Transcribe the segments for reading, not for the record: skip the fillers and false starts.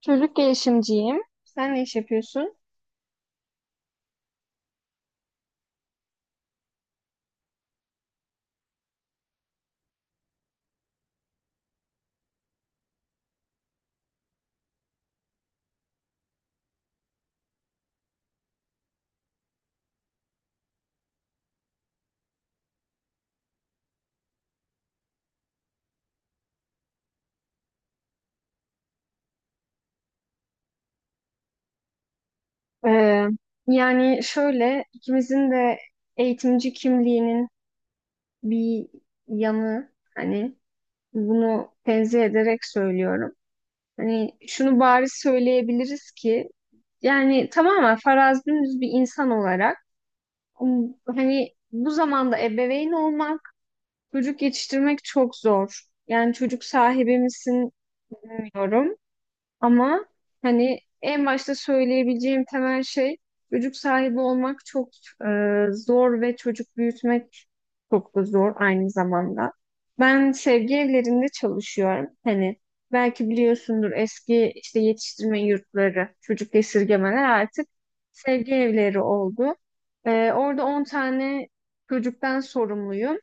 Çocuk gelişimciyim. Sen ne iş yapıyorsun? Ee, Yani şöyle ikimizin de eğitimci kimliğinin bir yanı hani bunu tenzih ederek söylüyorum. Hani şunu bariz söyleyebiliriz ki yani tamamen farazdümüz bir insan olarak hani bu zamanda ebeveyn olmak, çocuk yetiştirmek çok zor. Yani çocuk sahibi misin bilmiyorum. Ama hani en başta söyleyebileceğim temel şey çocuk sahibi olmak çok zor ve çocuk büyütmek çok da zor aynı zamanda. Ben sevgi evlerinde çalışıyorum. Hani belki biliyorsundur eski işte yetiştirme yurtları, çocuk esirgemeler artık sevgi evleri oldu. Orada 10 tane çocuktan sorumluyum.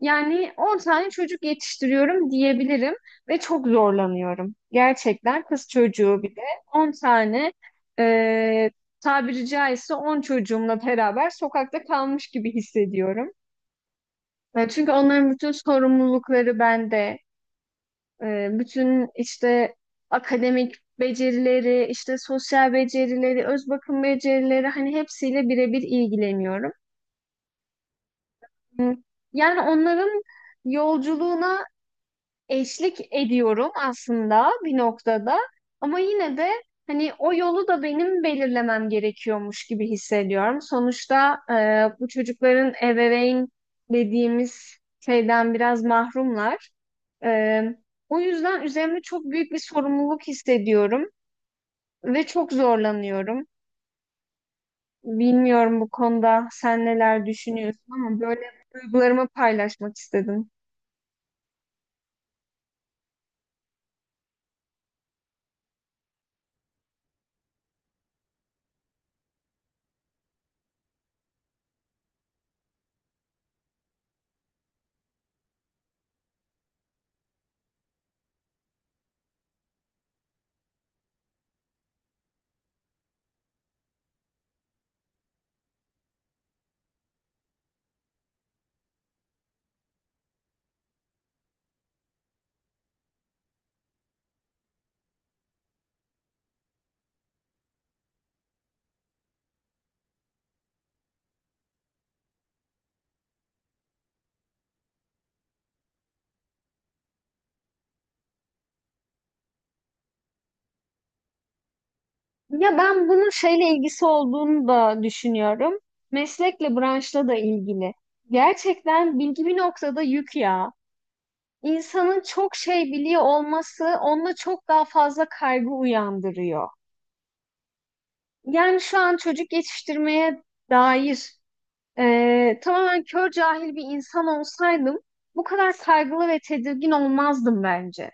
Yani 10 tane çocuk yetiştiriyorum diyebilirim ve çok zorlanıyorum. Gerçekten kız çocuğu bir de 10 tane e, tabiri caizse 10 çocuğumla beraber sokakta kalmış gibi hissediyorum. Çünkü onların bütün sorumlulukları bende. Bütün işte akademik becerileri, işte sosyal becerileri, öz bakım becerileri hani hepsiyle birebir ilgileniyorum. Yani onların yolculuğuna eşlik ediyorum aslında bir noktada ama yine de hani o yolu da benim belirlemem gerekiyormuş gibi hissediyorum. Sonuçta bu çocukların ebeveyn dediğimiz şeyden biraz mahrumlar. E, O yüzden üzerimde çok büyük bir sorumluluk hissediyorum ve çok zorlanıyorum. Bilmiyorum bu konuda sen neler düşünüyorsun ama böyle duygularımı paylaşmak istedim. Ya ben bunun şeyle ilgisi olduğunu da düşünüyorum. Meslekle, branşla da ilgili. Gerçekten bilgi bir noktada yük ya. İnsanın çok şey biliyor olması onda çok daha fazla kaygı uyandırıyor. Yani şu an çocuk yetiştirmeye dair tamamen kör cahil bir insan olsaydım bu kadar kaygılı ve tedirgin olmazdım bence,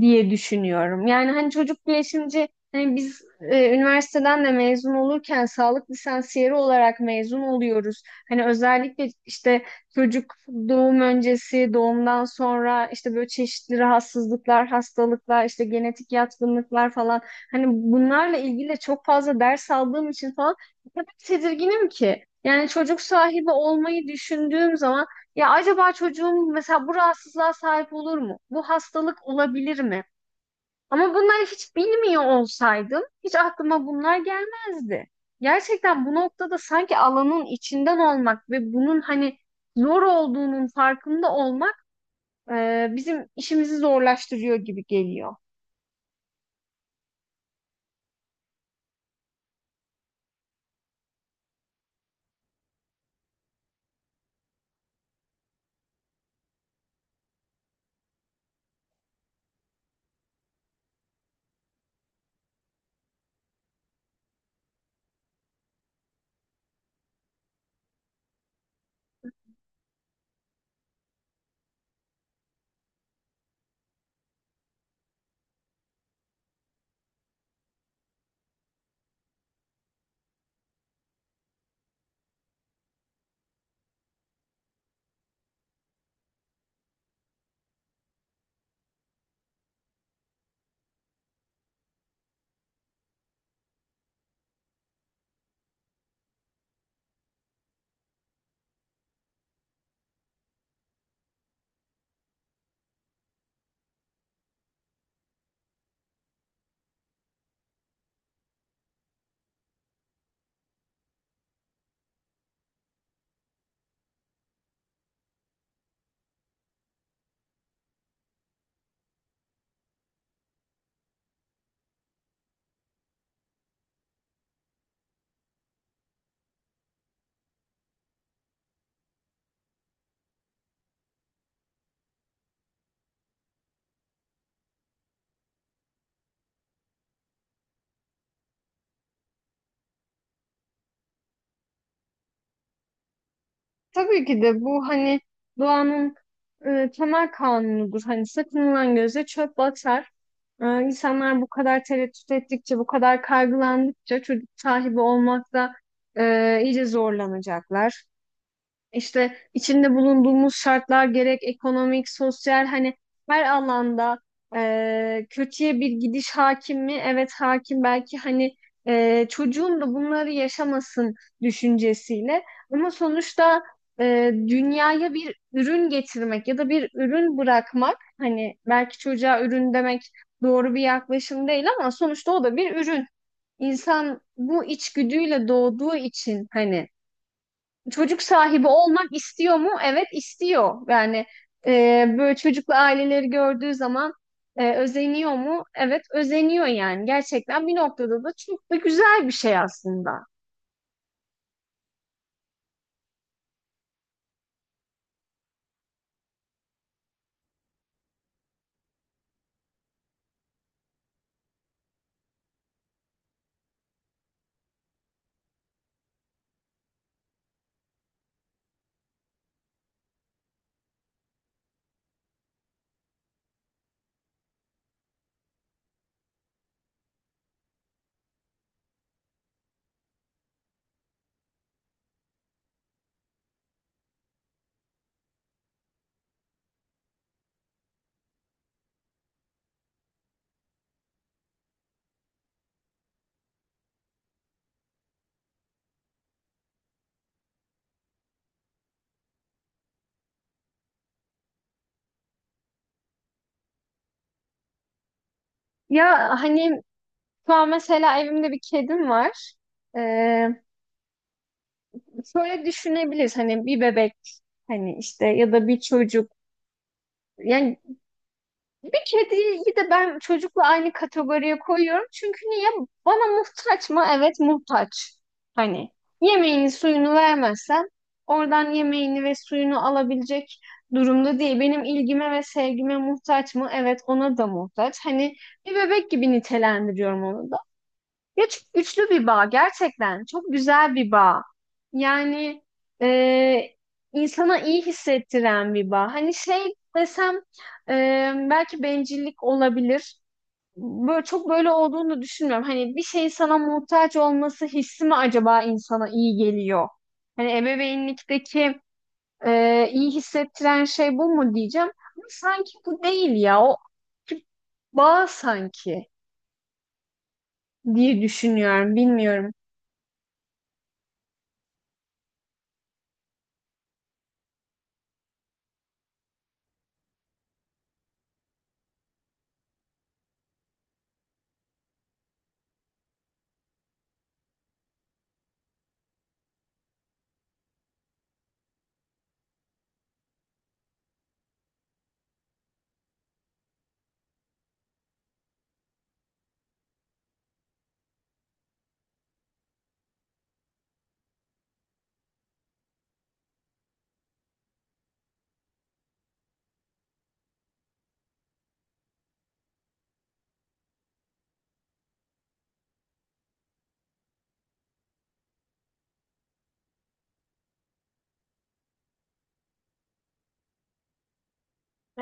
diye düşünüyorum. Yani hani çocuk bilişimci hani biz üniversiteden de mezun olurken sağlık lisansiyeri olarak mezun oluyoruz. Hani özellikle işte çocuk doğum öncesi, doğumdan sonra işte böyle çeşitli rahatsızlıklar, hastalıklar, işte genetik yatkınlıklar falan hani bunlarla ilgili de çok fazla ders aldığım için falan o kadar tedirginim ki. Yani çocuk sahibi olmayı düşündüğüm zaman ya acaba çocuğum mesela bu rahatsızlığa sahip olur mu? Bu hastalık olabilir mi? Ama bunları hiç bilmiyor olsaydım hiç aklıma bunlar gelmezdi. Gerçekten bu noktada sanki alanın içinden olmak ve bunun hani zor olduğunun farkında olmak bizim işimizi zorlaştırıyor gibi geliyor. Tabii ki de bu hani doğanın temel kanunudur. Hani sakınılan göze çöp batar. İnsanlar bu kadar tereddüt ettikçe, bu kadar kaygılandıkça çocuk sahibi olmakta iyice zorlanacaklar. İşte içinde bulunduğumuz şartlar gerek ekonomik, sosyal hani her alanda kötüye bir gidiş hakim mi? Evet hakim belki hani çocuğun da bunları yaşamasın düşüncesiyle ama sonuçta dünyaya bir ürün getirmek ya da bir ürün bırakmak hani belki çocuğa ürün demek doğru bir yaklaşım değil ama sonuçta o da bir ürün. İnsan bu içgüdüyle doğduğu için hani çocuk sahibi olmak istiyor mu? Evet istiyor. Yani böyle çocuklu aileleri gördüğü zaman özeniyor mu? Evet özeniyor yani. Gerçekten bir noktada da çok da güzel bir şey aslında. Ya hani şu an mesela evimde bir kedim var. E, Şöyle düşünebiliriz hani bir bebek hani işte ya da bir çocuk. Yani bir kediyi de ben çocukla aynı kategoriye koyuyorum. Çünkü niye? Bana muhtaç mı? Evet muhtaç. Hani yemeğini suyunu vermezsem oradan yemeğini ve suyunu alabilecek durumda değil. Benim ilgime ve sevgime muhtaç mı? Evet ona da muhtaç. Hani bir bebek gibi nitelendiriyorum onu da. Üçlü bir bağ gerçekten çok güzel bir bağ. Yani e, insana iyi hissettiren bir bağ. Hani şey desem e, belki bencillik olabilir. Böyle çok böyle olduğunu düşünmüyorum. Hani bir şeyin sana muhtaç olması hissi mi acaba insana iyi geliyor? Hani ebeveynlikteki iyi hissettiren şey bu mu diyeceğim. Ama sanki bu değil ya. O bağ sanki diye düşünüyorum. Bilmiyorum.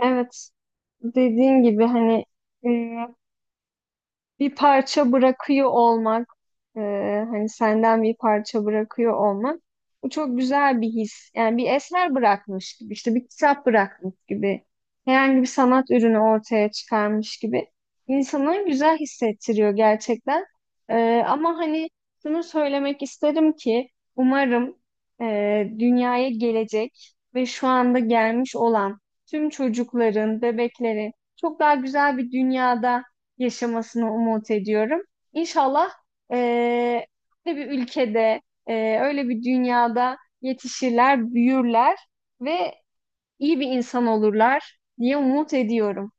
Evet. Dediğin gibi hani e, bir parça bırakıyor olmak, e, hani senden bir parça bırakıyor olmak, bu çok güzel bir his. Yani bir eser bırakmış gibi, işte bir kitap bırakmış gibi, herhangi bir sanat ürünü ortaya çıkarmış gibi insanı güzel hissettiriyor gerçekten. Ama hani şunu söylemek isterim ki umarım dünyaya gelecek ve şu anda gelmiş olan tüm çocukların, bebeklerin çok daha güzel bir dünyada yaşamasını umut ediyorum. İnşallah eee, öyle bir ülkede, öyle bir dünyada yetişirler, büyürler ve iyi bir insan olurlar diye umut ediyorum.